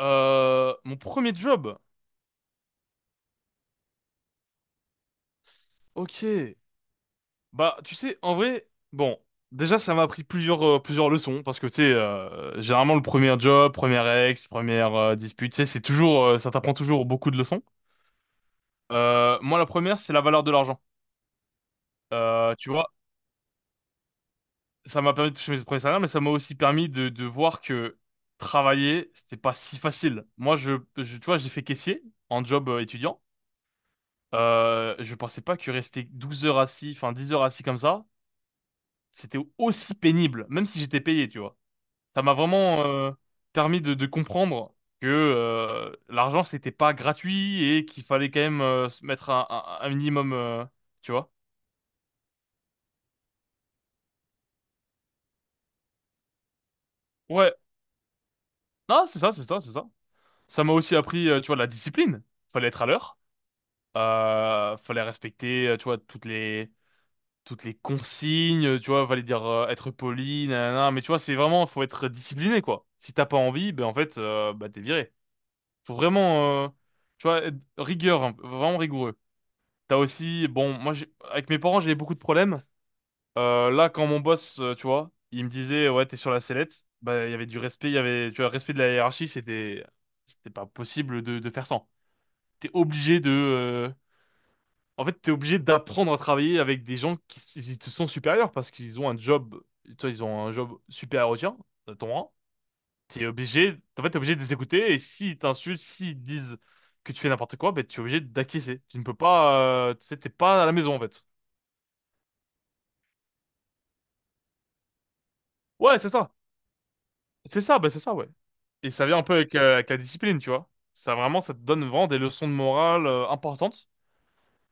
Mon premier job. Ok. Bah, tu sais, en vrai, bon, déjà, ça m'a appris plusieurs leçons parce que, tu sais, généralement, le premier job, première dispute, tu sais, c'est toujours, ça t'apprend toujours beaucoup de leçons. Moi, la première, c'est la valeur de l'argent. Tu vois, ça m'a permis de toucher mes premiers salaires, mais ça m'a aussi permis de voir que travailler, c'était pas si facile. Moi, tu vois, j'ai fait caissier en job étudiant. Je pensais pas que rester 12 heures assis, enfin 10 heures assis comme ça, c'était aussi pénible, même si j'étais payé, tu vois. Ça m'a vraiment permis de comprendre que l'argent, c'était pas gratuit et qu'il fallait quand même se mettre un minimum, tu vois. Ouais, non, c'est ça, c'est ça, c'est ça. Ça m'a aussi appris, tu vois, la discipline. Fallait être à l'heure, fallait respecter, tu vois, toutes les consignes, tu vois, fallait dire être poli, nanana, mais tu vois, c'est vraiment, faut être discipliné, quoi. Si t'as pas envie, ben en fait, bah t'es viré. Faut vraiment, tu vois, être rigueur, hein, vraiment rigoureux. T'as aussi, bon, moi, avec mes parents, j'avais beaucoup de problèmes. Là, quand mon boss, tu vois, il me disait, ouais, t'es sur la sellette, bah, il y avait du respect, il y avait, tu vois, le respect de la hiérarchie, c'était pas possible de faire sans. T'es obligé de, euh, En fait, t'es obligé d'apprendre à travailler avec des gens qui, ils te sont supérieurs parce qu'ils ont un job, tu vois, ils ont un job supérieur au tien, à ton rang. T'es obligé, en fait, t'es obligé de les écouter et s'ils t'insultent, s'ils disent que tu fais n'importe quoi, ben, tu es obligé d'acquiescer. Tu ne peux pas, tu sais, t'es pas à la maison, en fait. Ouais, c'est ça. C'est ça, ben, c'est ça, ouais. Et ça vient un peu avec la discipline, tu vois. Ça vraiment, ça te donne vraiment des leçons de morale, importantes.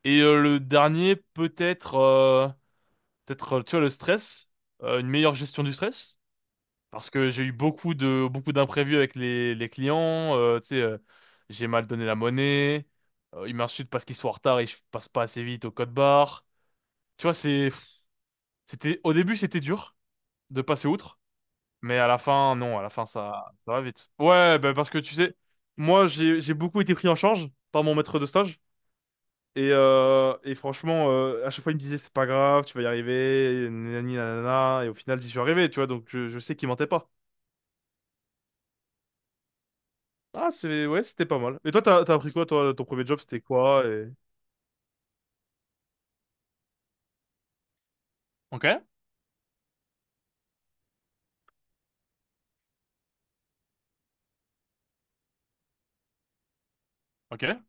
Et le dernier, peut-être, tu vois, le stress, une meilleure gestion du stress. Parce que j'ai eu beaucoup d'imprévus avec les clients. Tu sais, j'ai mal donné la monnaie. Ils m'insultent parce qu'ils sont en retard et je passe pas assez vite au code barre. Tu vois, c'était au début, c'était dur de passer outre, mais à la fin non, à la fin ça va vite. Ouais, bah parce que tu sais, moi j'ai beaucoup été pris en charge par mon maître de stage et franchement à chaque fois il me disait c'est pas grave, tu vas y arriver, nanani nanana, et au final j'y suis arrivé, tu vois, donc je sais qu'il mentait pas. Ah, ouais, c'était pas mal. Et toi, t'as appris quoi, toi, ton premier job, c'était quoi, et... Ok, ok.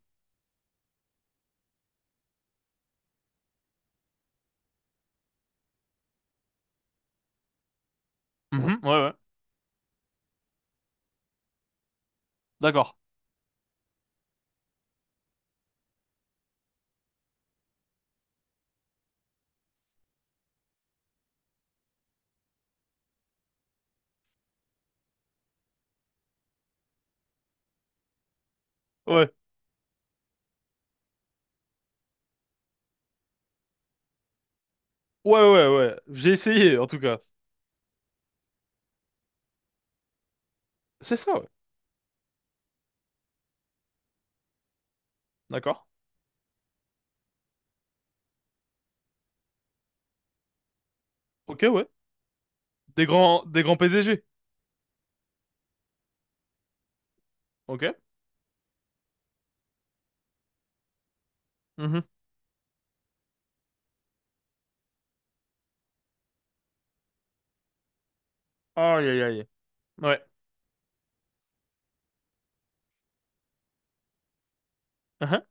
Mhm, ouais, ouais. D'accord. Ouais, ouais, ouais, ouais. J'ai essayé, en tout cas. C'est ça, ouais. D'accord. Ok, ouais. Des grands PDG. Ok. Mhm. Aïe, aïe, aïe. Ouais. Uhum.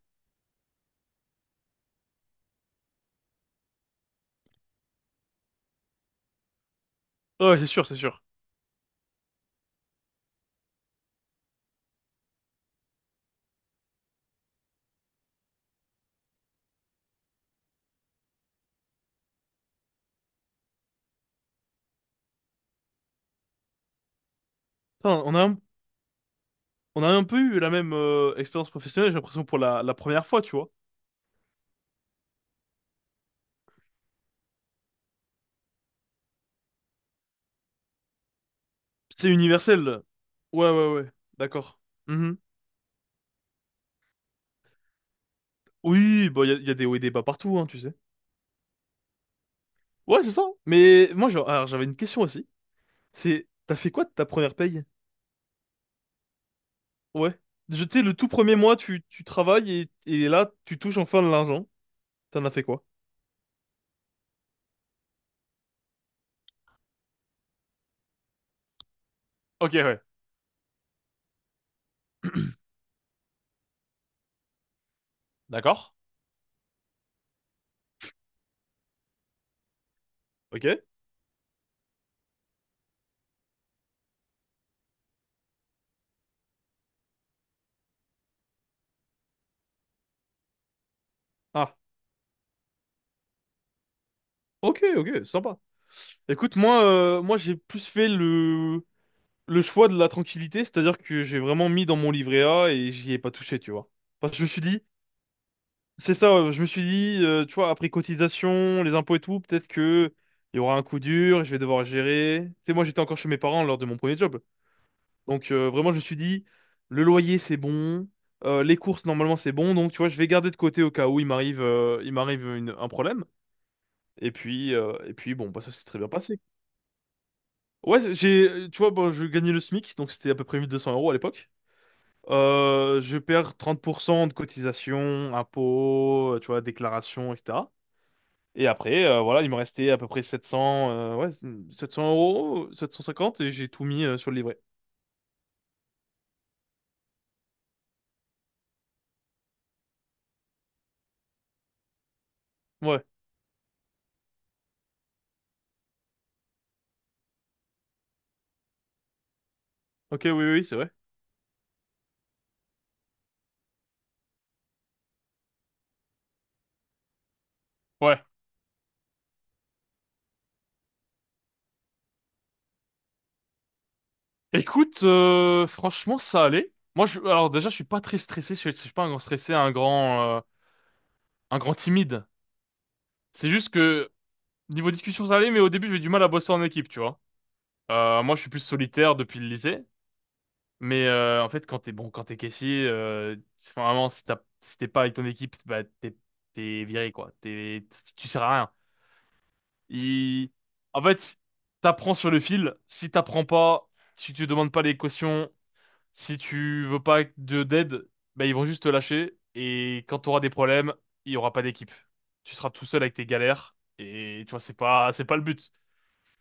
Ouais, c'est sûr, c'est sûr. Putain, on a un peu eu la même expérience professionnelle, j'ai l'impression, pour la première fois, tu vois. C'est universel. Ouais, ouais, ouais. D'accord. Mhm. Oui, bah, y a des hauts et des bas partout, hein, tu sais. Ouais, c'est ça. Mais moi, genre, alors, j'avais une question aussi. T'as fait quoi de ta première paye? Ouais. Je Tu sais, le tout premier mois, tu travailles et là, tu touches enfin de l'argent. T'en as fait quoi? Ok, ouais. D'accord. Ok. Ah, ok, ok, sympa. Écoute, moi, j'ai plus fait le choix de la tranquillité, c'est-à-dire que j'ai vraiment mis dans mon livret A et j'y ai pas touché, tu vois. Parce que je me suis dit. C'est ça, ouais, je me suis dit, tu vois, après cotisation, les impôts et tout, peut-être que il y aura un coup dur, et je vais devoir gérer. Tu sais, moi j'étais encore chez mes parents lors de mon premier job. Donc vraiment, je me suis dit, le loyer c'est bon, les courses normalement c'est bon, donc tu vois, je vais garder de côté au cas où il m'arrive un problème. Et puis bon, bah, ça s'est très bien passé. Ouais, j'ai, tu vois, bon, je gagnais le SMIC, donc c'était à peu près 1 200 € à l'époque. Je perds 30% de cotisation, impôts, tu vois, déclaration, etc. Et après, voilà, il me restait à peu près 700, ouais, 700 euros, 750, et j'ai tout mis sur le livret. Ouais. Ok, oui, oui, c'est vrai. Ouais. Écoute, franchement, ça allait. Moi, alors déjà, je suis pas très stressé. Je suis pas un grand stressé, un grand timide. C'est juste que niveau discussion, ça allait, mais au début, j'avais du mal à bosser en équipe, tu vois. Moi, je suis plus solitaire depuis le lycée, mais en fait, quand t'es caissier, c'est vraiment si t'es pas avec ton équipe, bah t'es viré quoi. Tu sers à rien. Il... En fait, si t'apprends sur le fil. Si t'apprends pas, si tu demandes pas les cautions, si tu veux pas de d'aide, ben ils vont juste te lâcher. Et quand t'auras des problèmes, il y aura pas d'équipe. Tu seras tout seul avec tes galères. Et tu vois, c'est pas le but.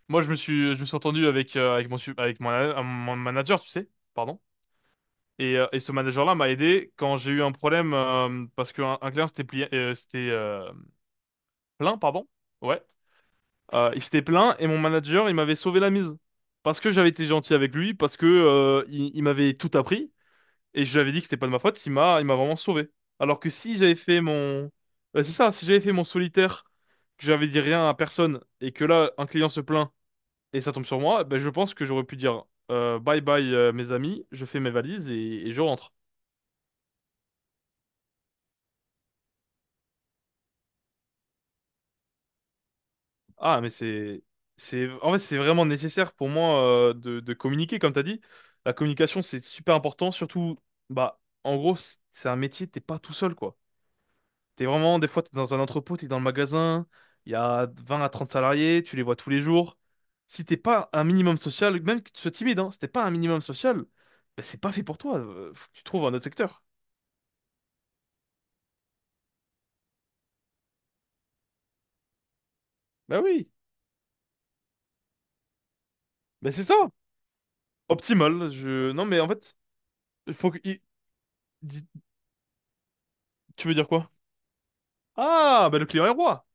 Moi, je me suis entendu avec mon su- avec mon, mon manager, tu sais, pardon. Et ce manager-là m'a aidé quand j'ai eu un problème parce qu'un un client s'était plié, s'était plaint, pardon. Ouais. Il s'était plaint et mon manager, il m'avait sauvé la mise. Parce que j'avais été gentil avec lui, parce que il m'avait tout appris et je lui avais dit que c'était pas de ma faute, il m'a vraiment sauvé. Alors que si j'avais fait mon Ouais, c'est ça, si j'avais fait mon solitaire, que j'avais dit rien à personne et que là un client se plaint et ça tombe sur moi, ben je pense que j'aurais pu dire bye bye mes amis, je fais mes valises et je rentre. Ah, mais en fait, c'est vraiment nécessaire pour moi de communiquer, comme t'as dit. La communication, c'est super important, surtout, bah, en gros, c'est un métier, t'es pas tout seul, quoi. T'es vraiment, des fois, t'es dans un entrepôt, t'es dans le magasin, il y a 20 à 30 salariés, tu les vois tous les jours. Si t'es pas un minimum social, même que tu sois timide, hein, si t'es pas un minimum social, bah, c'est pas fait pour toi. Faut que tu trouves un autre secteur. Bah oui, mais c'est ça. Optimal, non, mais en fait, il faut que, il- dis- tu veux dire quoi? Ah, bah le client est roi.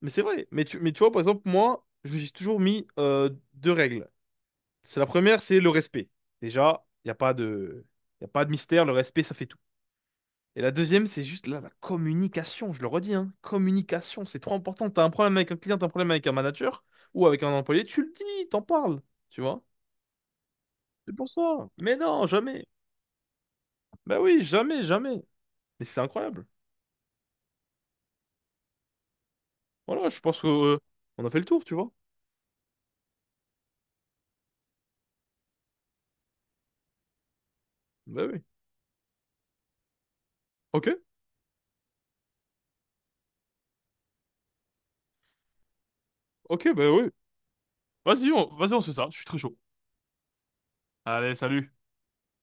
Mais c'est vrai. Mais tu vois, par exemple, moi, je me suis toujours mis deux règles. C'est la première, c'est le respect. Déjà, il n'y a pas de, y a pas de mystère, le respect, ça fait tout. Et la deuxième, c'est juste là, la communication, je le redis, hein. Communication, c'est trop important. T'as un problème avec un client, t'as un problème avec un manager ou avec un employé, tu le dis, t'en parles, tu vois. C'est pour ça. Mais non, jamais. Bah oui, jamais, jamais. Mais c'est incroyable. Voilà, je pense que on a fait le tour, tu vois. Bah oui. Ok, ok, bah oui. Vas-y, on se fait ça. Je suis très chaud. Allez, salut.